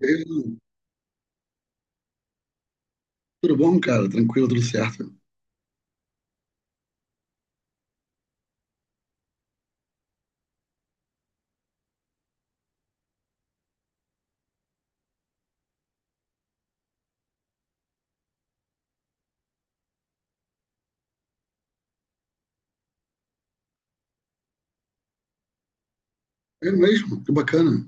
Eu, tudo bom, cara? Tranquilo, tudo certo. É mesmo, que bacana.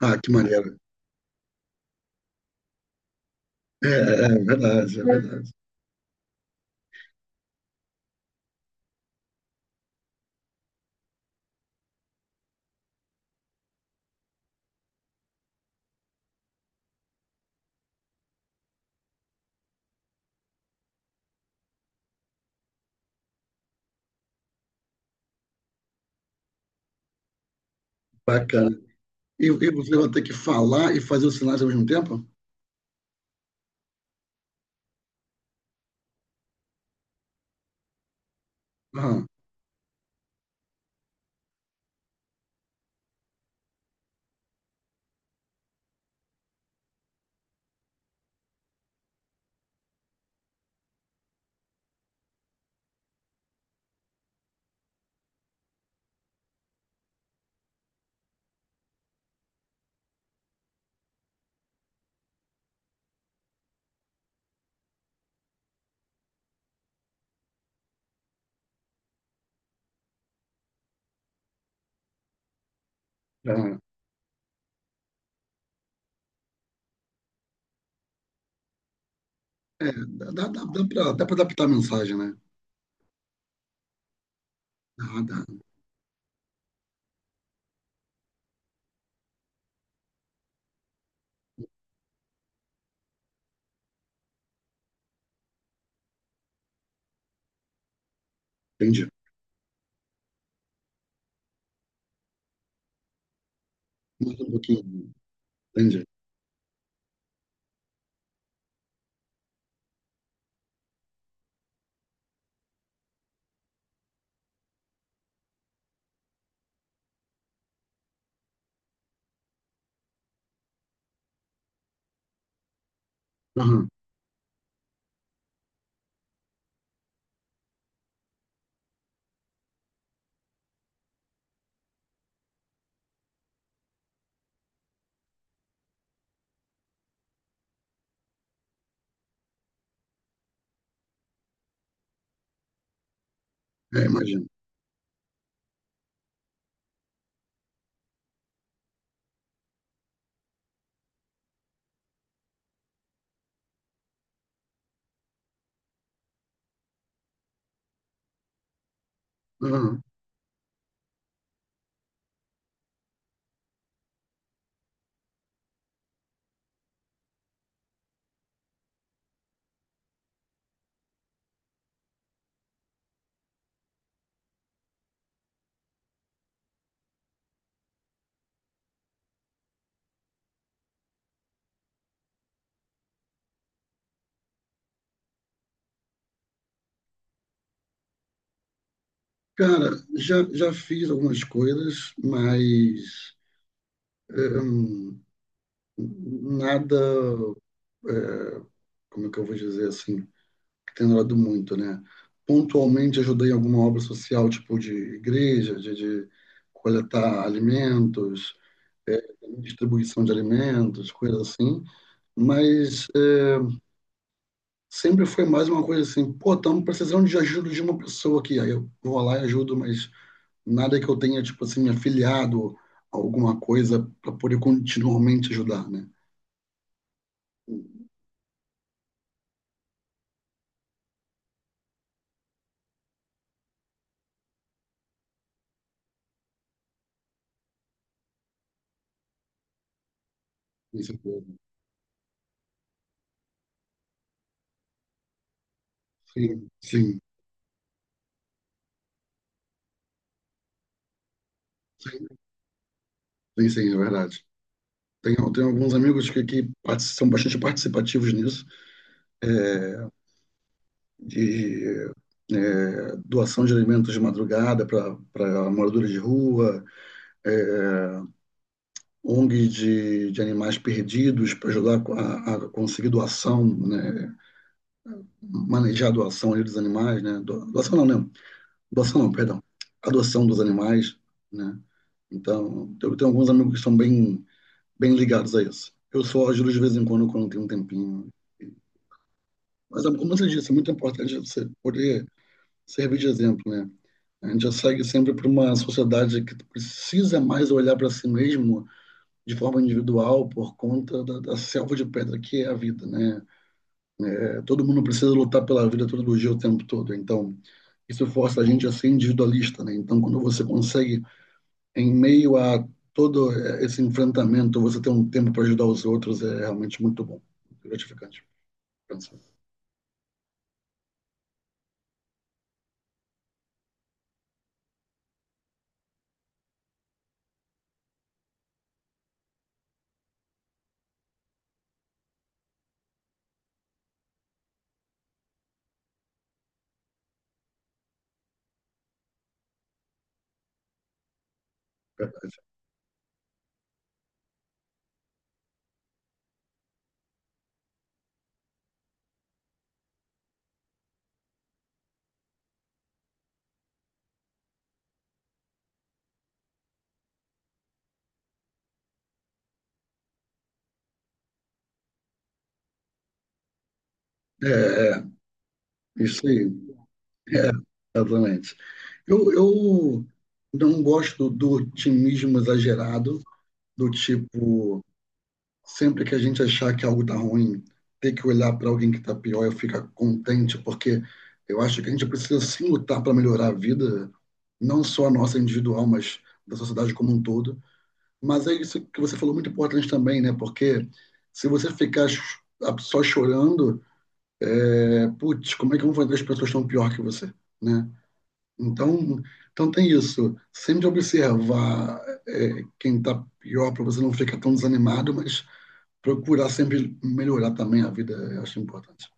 Ah, que maneiro. É, é verdade, é verdade. Bacana. E você vai ter que falar e fazer os sinais ao mesmo tempo? Ah, ah, é, dá pra adaptar a mensagem, né? Ah, dá. Entendi. Muda um pouquinho. Entendi. Aham. É, imagino. Aham. Cara, já fiz algumas coisas, mas nada, como é que eu vou dizer assim? Tenho orado muito, né? Pontualmente ajudei em alguma obra social, tipo de igreja, de coletar alimentos, é, distribuição de alimentos, coisas assim, mas sempre foi mais uma coisa assim, pô, estamos precisando de ajuda de uma pessoa aqui, aí eu vou lá e ajudo, mas nada que eu tenha, tipo assim, me afiliado a alguma coisa para poder continuamente ajudar, né? Isso é tudo. Sim, sim, sim, sim, é verdade. Tenho alguns amigos que são bastante participativos nisso, de doação de alimentos de madrugada para moradores de rua, é, ONG de animais perdidos para ajudar a conseguir doação, né, manejar a doação dos animais, né, doação não, não, doação não, perdão, adoção dos animais, né, então eu tenho alguns amigos que estão bem, bem ligados a isso. Eu só ajudo de vez em quando, quando tem um tempinho. Mas, como você disse, é muito importante você poder servir de exemplo, né? A gente já segue sempre para uma sociedade que precisa mais olhar para si mesmo de forma individual por conta da selva de pedra que é a vida, né? É, todo mundo precisa lutar pela vida todo dia, o tempo todo. Então, isso força a gente a ser individualista, né? Então, quando você consegue, em meio a todo esse enfrentamento, você ter um tempo para ajudar os outros, é realmente muito bom, gratificante. Então. É, é, é, isso aí. É, exatamente. Eu não gosto do otimismo exagerado, do tipo, sempre que a gente achar que algo tá ruim, ter que olhar para alguém que tá pior e ficar contente, porque eu acho que a gente precisa sim lutar para melhorar a vida, não só a nossa individual, mas da sociedade como um todo. Mas é isso que você falou, muito importante também, né? Porque se você ficar só chorando, putz, como é que vão fazer as pessoas tão pior que você, né? Então, então tem isso. Sempre observar quem está pior para você não ficar tão desanimado, mas procurar sempre melhorar também a vida, eu acho importante.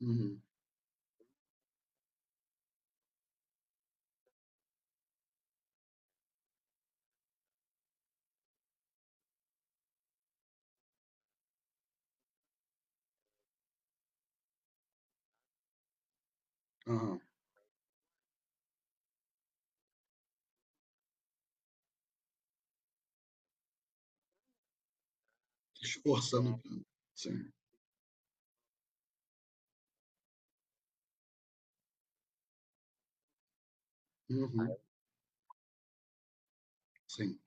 Uhum. Aham. Esforçando. Sim. Uhum. Sim.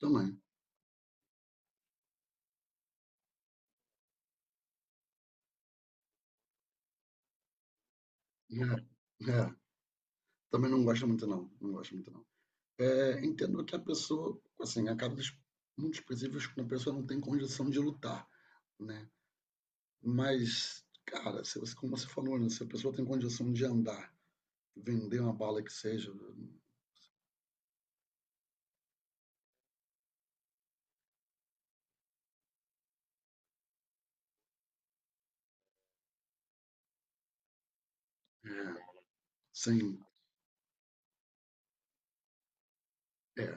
Também. É. É. Também não gosto muito, não. Não gosto muito, não. É, entendo que a pessoa, assim, acaba casos muito específicos quando a pessoa não tem condição de lutar, né? Mas, cara, se você, como você falou, né? Se a pessoa tem condição de andar, vender uma bala que seja, é, sem. É,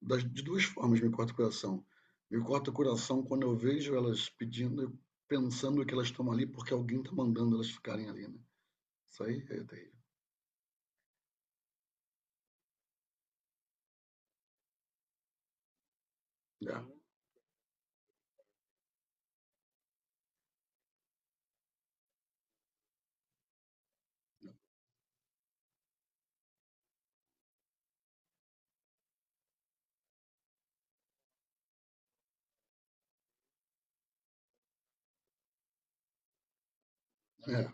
das, de duas formas me corta o coração. Me corta o coração quando eu vejo elas pedindo, pensando que elas estão ali porque alguém está mandando elas ficarem ali, né? Isso aí é terrível. É, é,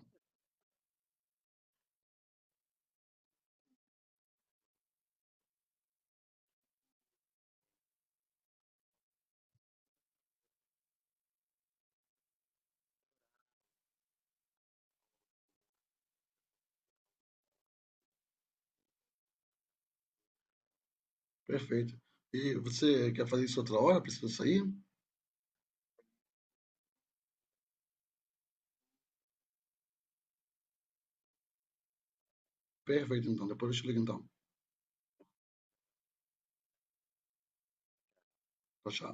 perfeito. E você quer fazer isso outra hora? Precisa sair? Perfeito, então. Depois eu te ligo, então. Tchau, tchau.